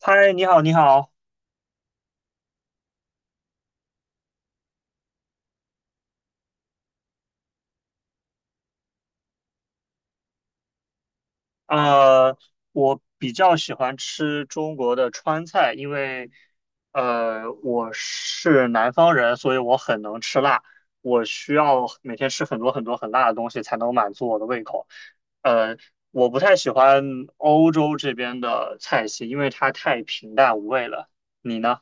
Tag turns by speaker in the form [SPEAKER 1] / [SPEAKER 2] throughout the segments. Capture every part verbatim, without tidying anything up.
[SPEAKER 1] 嗨，你好，你好。呃，我比较喜欢吃中国的川菜，因为呃我是南方人，所以我很能吃辣。我需要每天吃很多很多很辣的东西才能满足我的胃口。呃，我不太喜欢欧洲这边的菜系，因为它太平淡无味了。你呢？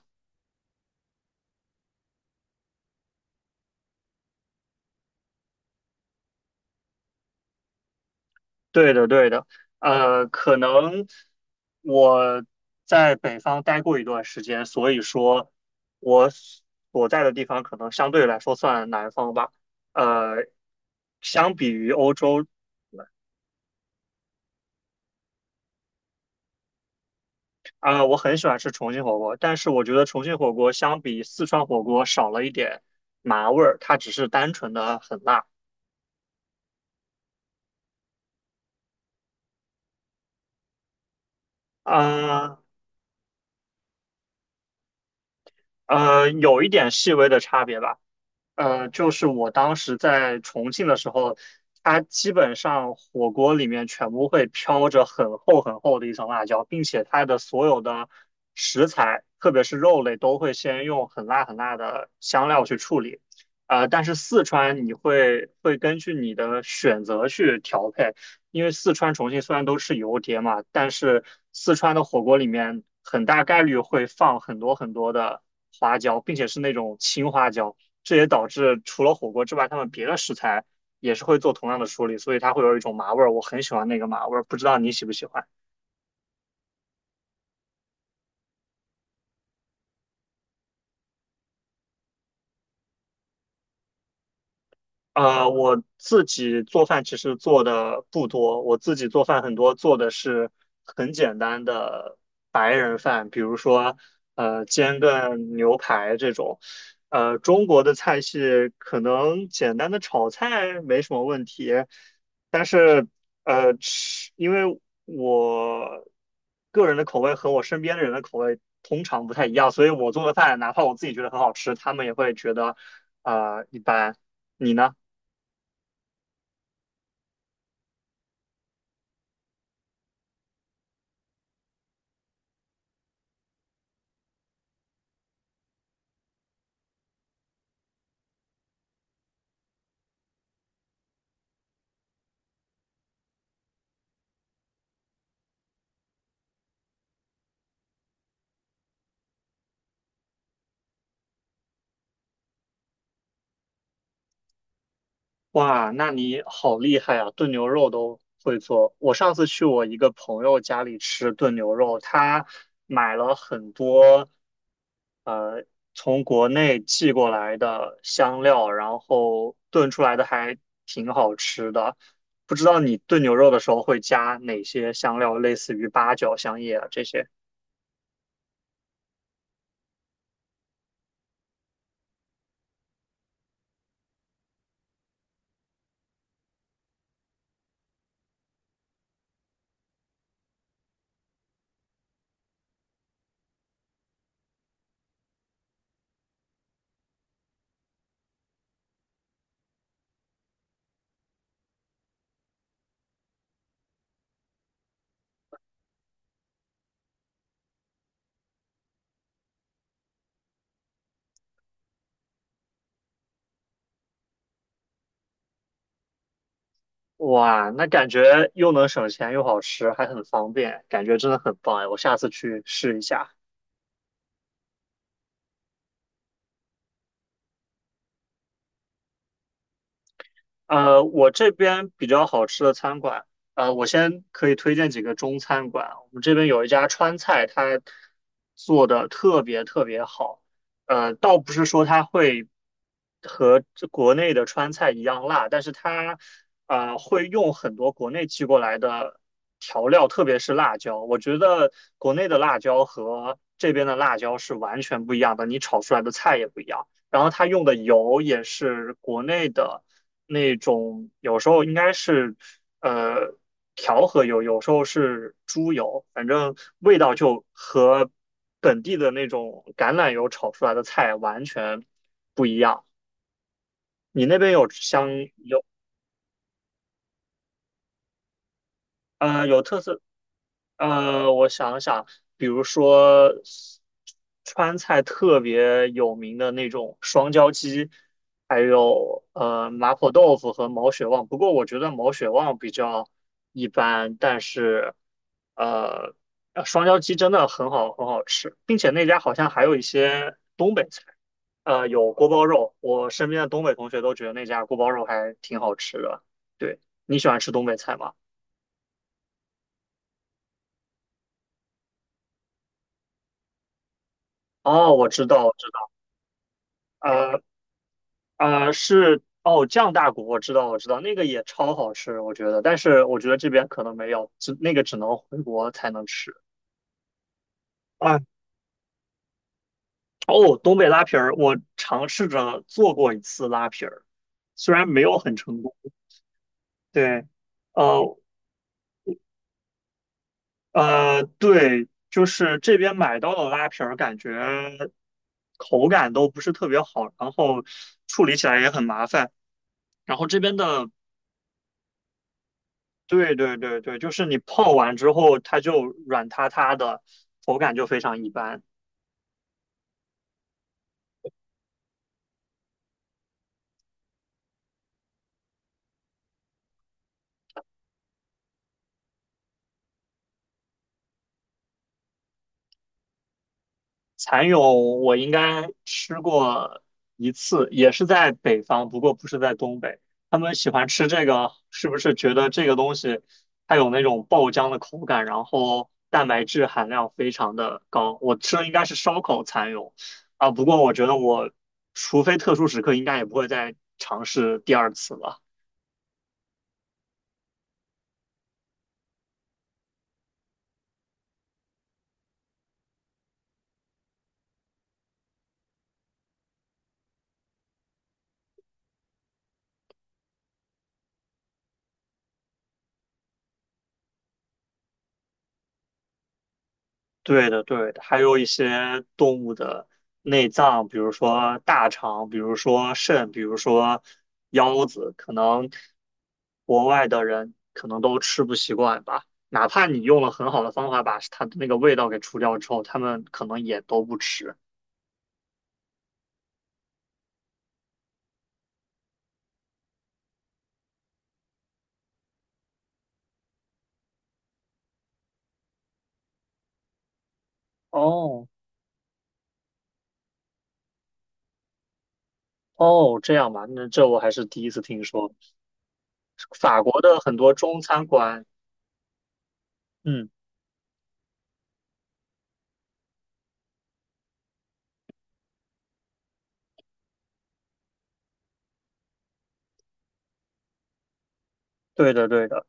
[SPEAKER 1] 对的，对的，呃，可能我在北方待过一段时间，所以说我所在的地方可能相对来说算南方吧。呃，相比于欧洲，啊、我很喜欢吃重庆火锅，但是我觉得重庆火锅相比四川火锅少了一点麻味儿，它只是单纯的很辣，啊呃，有一点细微的差别吧。呃，就是我当时在重庆的时候，它基本上火锅里面全部会飘着很厚很厚的一层辣椒，并且它的所有的食材，特别是肉类，都会先用很辣很辣的香料去处理。呃，但是四川你会会根据你的选择去调配，因为四川、重庆虽然都是油碟嘛，但是四川的火锅里面很大概率会放很多很多的花椒，并且是那种青花椒，这也导致除了火锅之外，他们别的食材也是会做同样的处理，所以它会有一种麻味儿。我很喜欢那个麻味儿，不知道你喜不喜欢？呃，我自己做饭其实做的不多，我自己做饭很多做的是很简单的白人饭，比如说呃煎个牛排这种。呃，中国的菜系可能简单的炒菜没什么问题，但是呃吃，因为我个人的口味和我身边的人的口味通常不太一样，所以我做的饭哪怕我自己觉得很好吃，他们也会觉得啊、呃一般。你呢？哇，那你好厉害啊，炖牛肉都会做。我上次去我一个朋友家里吃炖牛肉，他买了很多呃从国内寄过来的香料，然后炖出来的还挺好吃的。不知道你炖牛肉的时候会加哪些香料，类似于八角、香叶啊这些？哇，那感觉又能省钱又好吃，还很方便，感觉真的很棒哎！我下次去试一下。呃，我这边比较好吃的餐馆，呃，我先可以推荐几个中餐馆。我们这边有一家川菜，它做的特别特别好。呃，倒不是说它会和这国内的川菜一样辣，但是它啊呃会用很多国内寄过来的调料，特别是辣椒。我觉得国内的辣椒和这边的辣椒是完全不一样的，你炒出来的菜也不一样。然后它用的油也是国内的那种，有时候应该是呃调和油，有时候是猪油，反正味道就和本地的那种橄榄油炒出来的菜完全不一样。你那边有香有呃有特色呃，我想想，比如说川菜特别有名的那种双椒鸡，还有呃麻婆豆腐和毛血旺。不过我觉得毛血旺比较一般，但是呃呃双椒鸡真的很好很好吃，并且那家好像还有一些东北菜，呃有锅包肉，我身边的东北同学都觉得那家锅包肉还挺好吃的。对，你喜欢吃东北菜吗？哦，我知道，我知道。呃。啊，是哦，酱大骨我知道，我知道，那个也超好吃，我觉得，但是我觉得这边可能没有，只那个只能回国才能吃啊。哦，东北拉皮儿，我尝试着做过一次拉皮儿，虽然没有很成功，对，呃呃，对，就是这边买到的拉皮儿，感觉口感都不是特别好，然后处理起来也很麻烦，然后这边的对对对对，就是你泡完之后，它就软塌塌的，口感就非常一般。蚕蛹我应该吃过一次，也是在北方，不过不是在东北。他们喜欢吃这个，是不是觉得这个东西它有那种爆浆的口感，然后蛋白质含量非常的高？我吃的应该是烧烤蚕蛹啊，不过我觉得我除非特殊时刻，应该也不会再尝试第二次了。对的，对的，还有一些动物的内脏，比如说大肠，比如说肾，比如说腰子，可能国外的人可能都吃不习惯吧。哪怕你用了很好的方法把它的那个味道给除掉之后，他们可能也都不吃。哦哦，这样吧，那这我还是第一次听说。法国的很多中餐馆，嗯，对的，对的，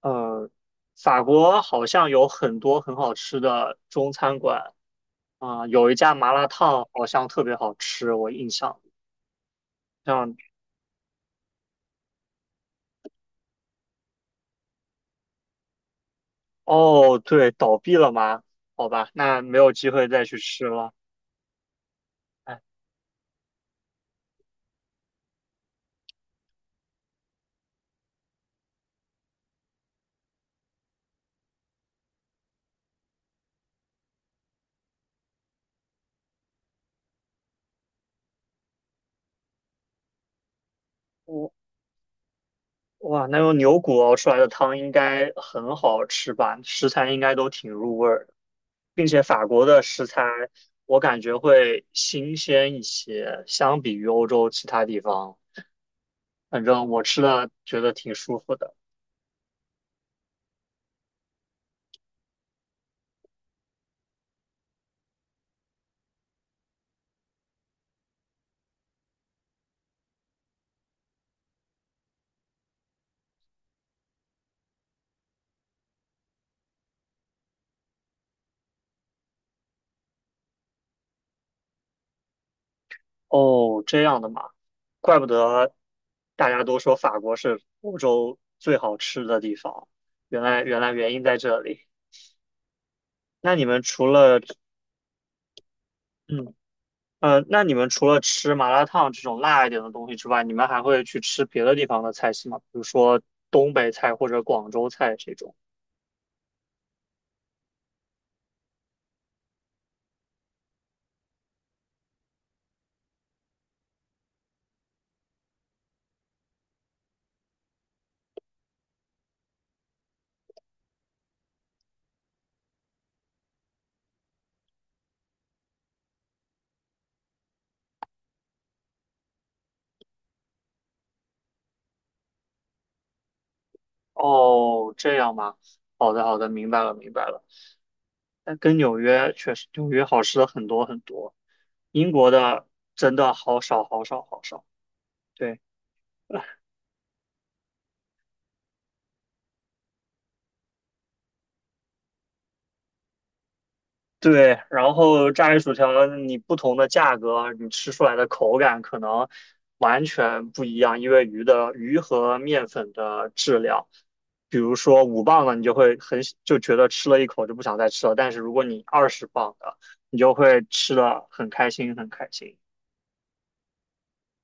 [SPEAKER 1] 呃，法国好像有很多很好吃的中餐馆。啊、有一家麻辣烫好像特别好吃，我印象像哦，对，倒闭了吗？好吧，那没有机会再去吃了。哎，我哇，那用牛骨熬出来的汤应该很好吃吧？食材应该都挺入味儿的，并且法国的食材我感觉会新鲜一些，相比于欧洲其他地方，反正我吃的觉得挺舒服的。哦，这样的嘛，怪不得大家都说法国是欧洲最好吃的地方，原来原来原因在这里。那你们除了嗯呃，那你们除了吃麻辣烫这种辣一点的东西之外，你们还会去吃别的地方的菜系吗？比如说东北菜或者广州菜这种。哦，这样吗？好的好的，明白了明白了。但跟纽约确实，纽约好吃的很多很多，英国的真的好少好少好少。对。对，然后炸鱼薯条，你不同的价格，你吃出来的口感可能完全不一样，因为鱼的鱼和面粉的质量，比如说五磅的，你就会很就觉得吃了一口就不想再吃了，但是如果你二十磅的，你就会吃的很开心，很开心。